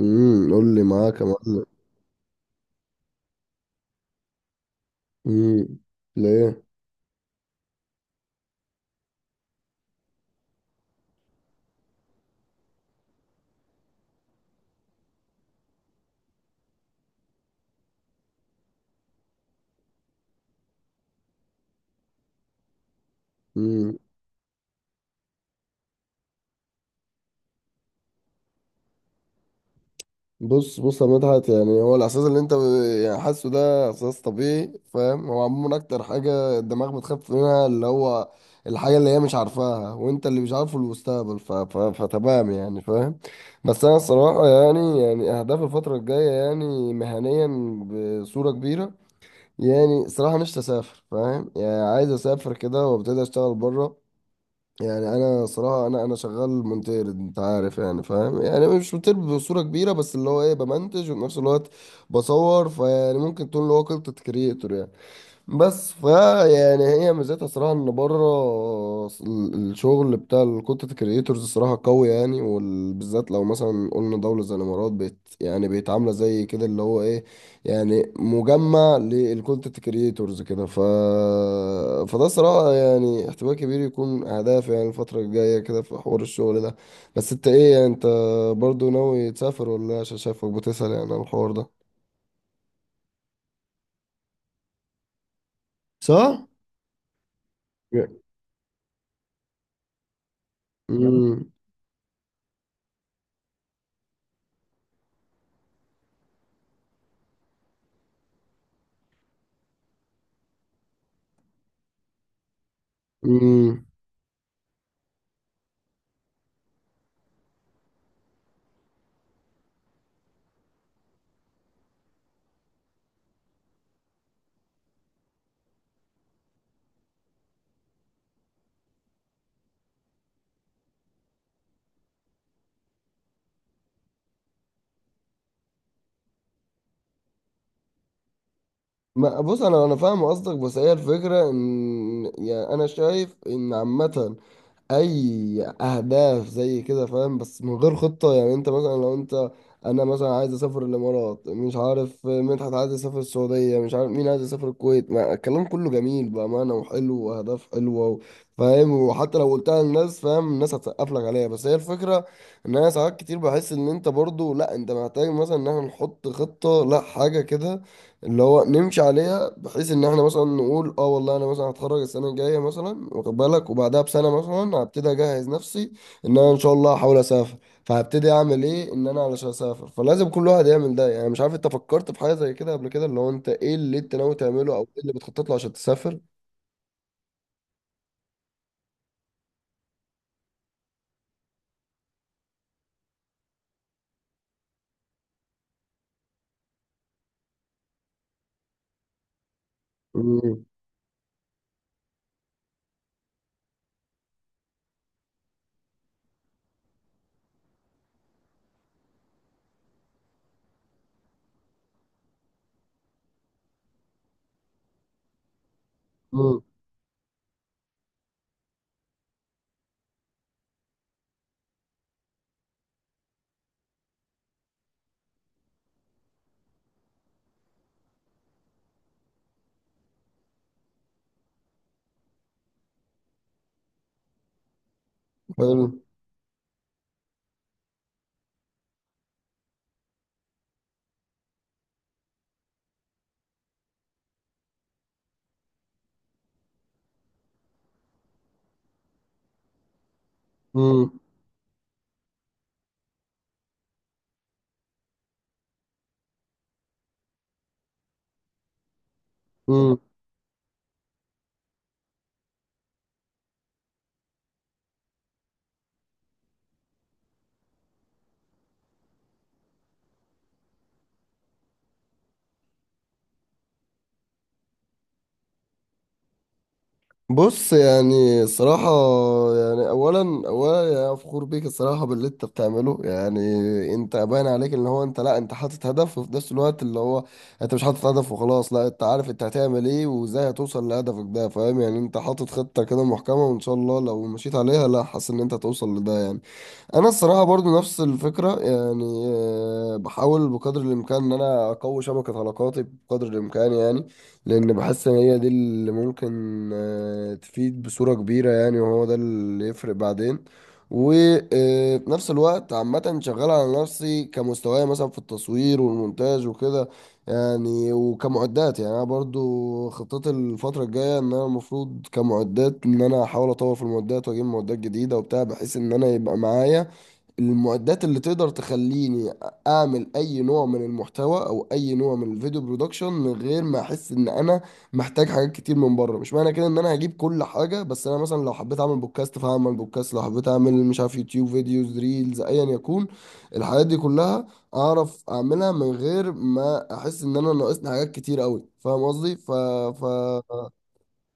قول لي معاك يا معلم. امم ليه؟ امم بص بص يا مدحت، يعني هو الاحساس اللي انت يعني حاسه ده احساس طبيعي، فاهم؟ هو عموما اكتر حاجه الدماغ بتخاف منها اللي هو الحاجه اللي هي مش عارفاها، وانت اللي مش عارفه المستقبل ف... ف... فتمام يعني، فاهم؟ بس انا الصراحه يعني اهداف الفتره الجايه يعني مهنيا بصوره كبيره. يعني صراحه نفسي اسافر، فاهم؟ يعني عايز اسافر كده وابتدي اشتغل بره. يعني انا صراحه انا شغال مونتير، انت عارف يعني، فاهم؟ يعني مش مونتير بصوره كبيره، بس اللي هو ايه، بمنتج وفي نفس الوقت بصور، فيعني ممكن تقول اللي هو كونتنت كريتور يعني. بس فا يعني هي ميزتها صراحة ان بره الشغل بتاع الكونتنت كريتورز صراحة قوي يعني، وبالذات لو مثلا قلنا دولة زي الامارات يعني بيتعاملة زي كده اللي هو ايه، يعني مجمع للكونتنت كريتورز كده. فده صراحة يعني احتمال كبير يكون اهداف يعني الفترة الجاية كده في حوار الشغل ده. بس انت ايه يعني، انت برضو ناوي تسافر ولا إيه؟ عشان شايفك بتسأل يعني على الحوار ده. صح؟ Yeah. امم امم ما بص، انا فاهم قصدك، بس هي الفكره ان يعني انا شايف ان عامه اي اهداف زي كده، فاهم؟ بس من غير خطه. يعني انت مثلا لو انت، انا مثلا عايز اسافر الامارات، مش عارف مدحت عايز يسافر السعوديه، مش عارف مين عايز يسافر الكويت، ما الكلام كله جميل بامانه وحلو واهداف حلوه فاهم؟ وحتى لو قلتها للناس، فاهم؟ الناس هتسقف لك عليها. بس هي الفكره ان انا ساعات كتير بحس ان انت برضو لا، انت محتاج مثلا ان احنا نحط خطه لا حاجه كده اللي هو نمشي عليها، بحيث ان احنا مثلا نقول اه والله انا مثلا هتخرج السنه الجايه مثلا، واخد بالك، وبعدها بسنه مثلا هبتدي اجهز نفسي ان انا ان شاء الله هحاول اسافر، فهبتدي اعمل ايه ان انا علشان اسافر. فلازم كل واحد يعمل ده. يعني مش عارف انت فكرت في حاجه زي كده قبل كده، اللي هو انت ايه اللي انت ناوي تعمله او ايه اللي بتخطط له عشان تسافر؟ امم امم حلو. امم بص، يعني الصراحة يعني أولا يعني فخور بيك الصراحة باللي أنت بتعمله يعني. أنت باين عليك إن هو أنت، لأ، أنت حاطط هدف، وفي نفس الوقت اللي هو أنت مش حاطط هدف وخلاص، لأ، أنت عارف أنت هتعمل إيه وإزاي هتوصل لهدفك ده، فاهم يعني؟ أنت حاطط خطة كده محكمة، وإن شاء الله لو مشيت عليها، لأ، حاسس إن أنت هتوصل لده يعني. انا الصراحه برضو نفس الفكره، يعني بحاول بقدر الامكان ان انا اقوي شبكه علاقاتي بقدر الامكان يعني، لان بحس ان هي دي اللي ممكن تفيد بصوره كبيره يعني، وهو ده اللي يفرق بعدين. وفي نفس الوقت عامة شغال على نفسي كمستواي مثلا في التصوير والمونتاج وكده يعني، وكمعدات. يعني أنا برضو خطتي الفترة الجاية إن أنا المفروض كمعدات إن أنا أحاول أطور في المعدات، وأجيب معدات جديدة وبتاع، بحيث إن أنا يبقى معايا المعدات اللي تقدر تخليني اعمل اي نوع من المحتوى او اي نوع من الفيديو برودكشن من غير ما احس ان انا محتاج حاجات كتير من بره. مش معنى كده ان انا هجيب كل حاجه، بس انا مثلا لو حبيت اعمل بودكاست فهعمل بودكاست، لو حبيت اعمل مش عارف يوتيوب فيديوز، ريلز، ايا يكون، الحاجات دي كلها اعرف اعملها من غير ما احس ان انا ناقصني حاجات كتير قوي، فاهم قصدي؟ ف ف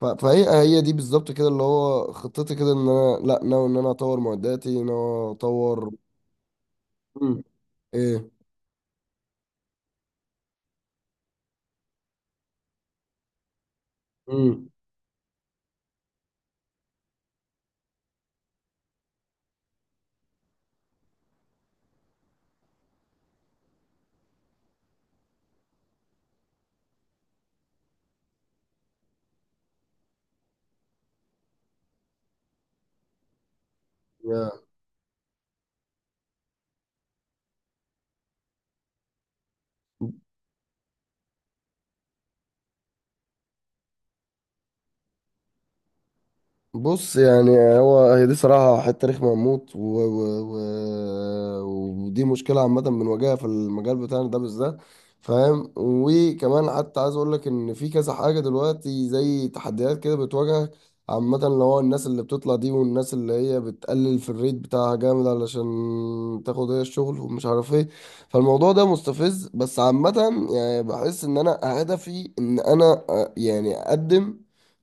ف- فهي هي دي بالظبط كده اللي هو خطتي كده ان انا لا ناوي ان انا اطور معداتي، ناوي اطور. امم ايه؟ امم يا بص، يعني هو هي دي صراحة حتة رخمة موت، و... ودي مشكلة عامة بنواجهها في المجال بتاعنا ده بالذات، فاهم؟ وكمان حتى عايز أقول لك إن في كذا حاجة دلوقتي زي تحديات كده بتواجهك عامة، اللي هو الناس اللي بتطلع دي والناس اللي هي بتقلل في الريت بتاعها جامد علشان تاخد هي الشغل، ومش عارف ايه. فالموضوع ده مستفز، بس عامة يعني بحس إن أنا هدفي إن أنا يعني أقدم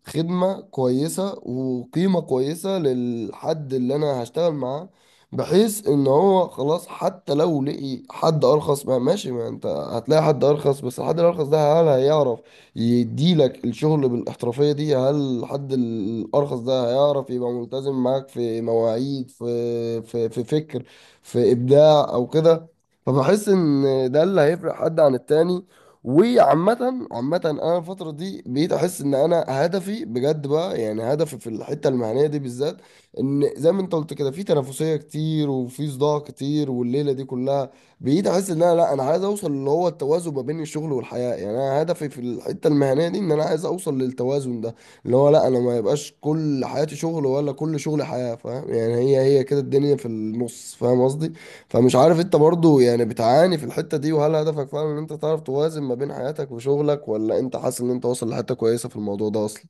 خدمة كويسة وقيمة كويسة للحد اللي أنا هشتغل معاه، بحيث إن هو خلاص حتى لو لقي حد أرخص، ما ماشي، ما أنت هتلاقي حد أرخص، بس الحد الأرخص ده هل هيعرف يديلك الشغل بالاحترافية دي؟ هل الحد الأرخص ده هيعرف يبقى ملتزم معاك في مواعيد، في في فكر، في إبداع أو كده؟ فبحس إن ده اللي هيفرق حد عن التاني. وعامة انا الفترة دي بقيت احس ان انا هدفي بجد بقى، يعني هدفي في الحتة المهنية دي بالذات، ان زي ما انت قلت كده، في تنافسية كتير وفي صداع كتير والليلة دي كلها، بقيت احس ان انا لا، انا عايز اوصل اللي هو التوازن ما بين الشغل والحياة. يعني انا هدفي في الحتة المهنية دي ان انا عايز اوصل للتوازن ده، اللي هو لا انا ما يبقاش كل حياتي شغل ولا كل شغلي حياة، فاهم يعني؟ هي كده الدنيا في النص، فاهم قصدي؟ فمش عارف انت برضو يعني بتعاني في الحتة دي، وهل هدفك فعلا ان انت تعرف توازن ما بين حياتك وشغلك، ولا انت حاسس ان انت واصل لحتة كويسة في الموضوع ده اصلا؟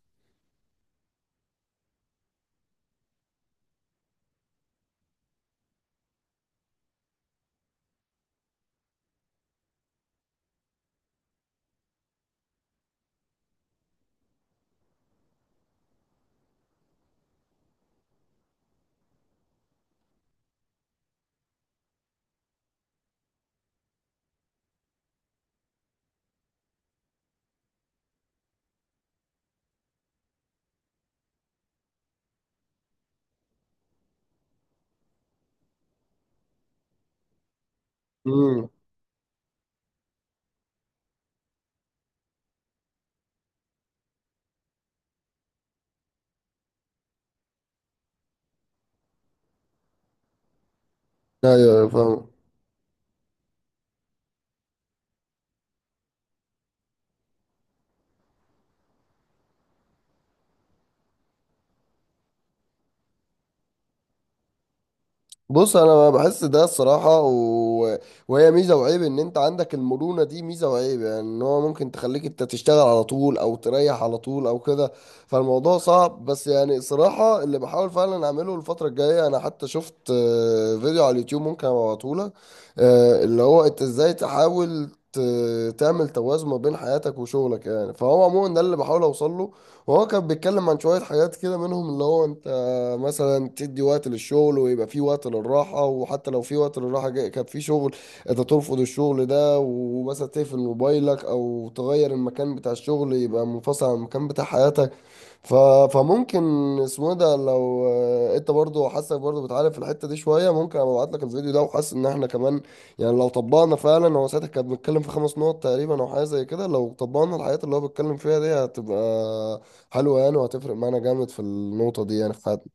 امم ايوه ايوه فاهم. بص انا بحس ده الصراحه، وهي ميزه وعيب ان انت عندك المرونه دي، ميزه وعيب يعني. ان هو ممكن تخليك انت تشتغل على طول او تريح على طول او كده. فالموضوع صعب، بس يعني الصراحه اللي بحاول فعلا اعمله الفتره الجايه، انا حتى شفت فيديو على اليوتيوب ممكن ابعته لك، اللي هو انت ازاي تحاول تعمل توازن ما بين حياتك وشغلك يعني. فهو عموما ده اللي بحاول اوصله، وهو كان بيتكلم عن شوية حاجات كده منهم اللي هو انت مثلا تدي وقت للشغل ويبقى في وقت للراحة، وحتى لو في وقت للراحة كان في شغل انت ترفض الشغل ده، ومثلا تقفل موبايلك او تغير المكان بتاع الشغل يبقى منفصل عن المكان بتاع حياتك. ف... فممكن اسمه ده لو انت برضو حاسك برضو بتعاني في الحته دي شويه، ممكن ابقى ابعت لك الفيديو ده، وحاسس ان احنا كمان يعني لو طبقنا فعلا، هو ساعتها كان بيتكلم في خمس نقط تقريبا او حاجه زي كده، لو طبقنا الحاجات اللي هو بيتكلم فيها دي هتبقى حلوه يعني، وهتفرق معانا جامد في النقطه دي يعني في حياتنا.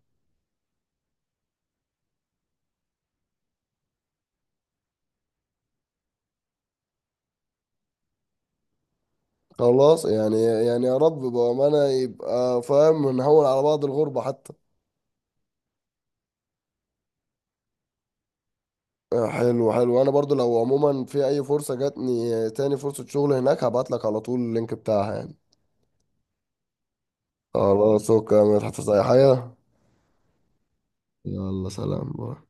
خلاص يعني، يعني يا رب بامانه يبقى، فاهم؟ نهون على بعض الغربه حتى. حلو حلو، انا برضو لو عموما في اي فرصه جاتني تاني فرصه شغل هناك هبعت لك على طول اللينك بتاعها يعني. خلاص، اوكي، مش هتحتاج اي حاجة. يلا سلام باي.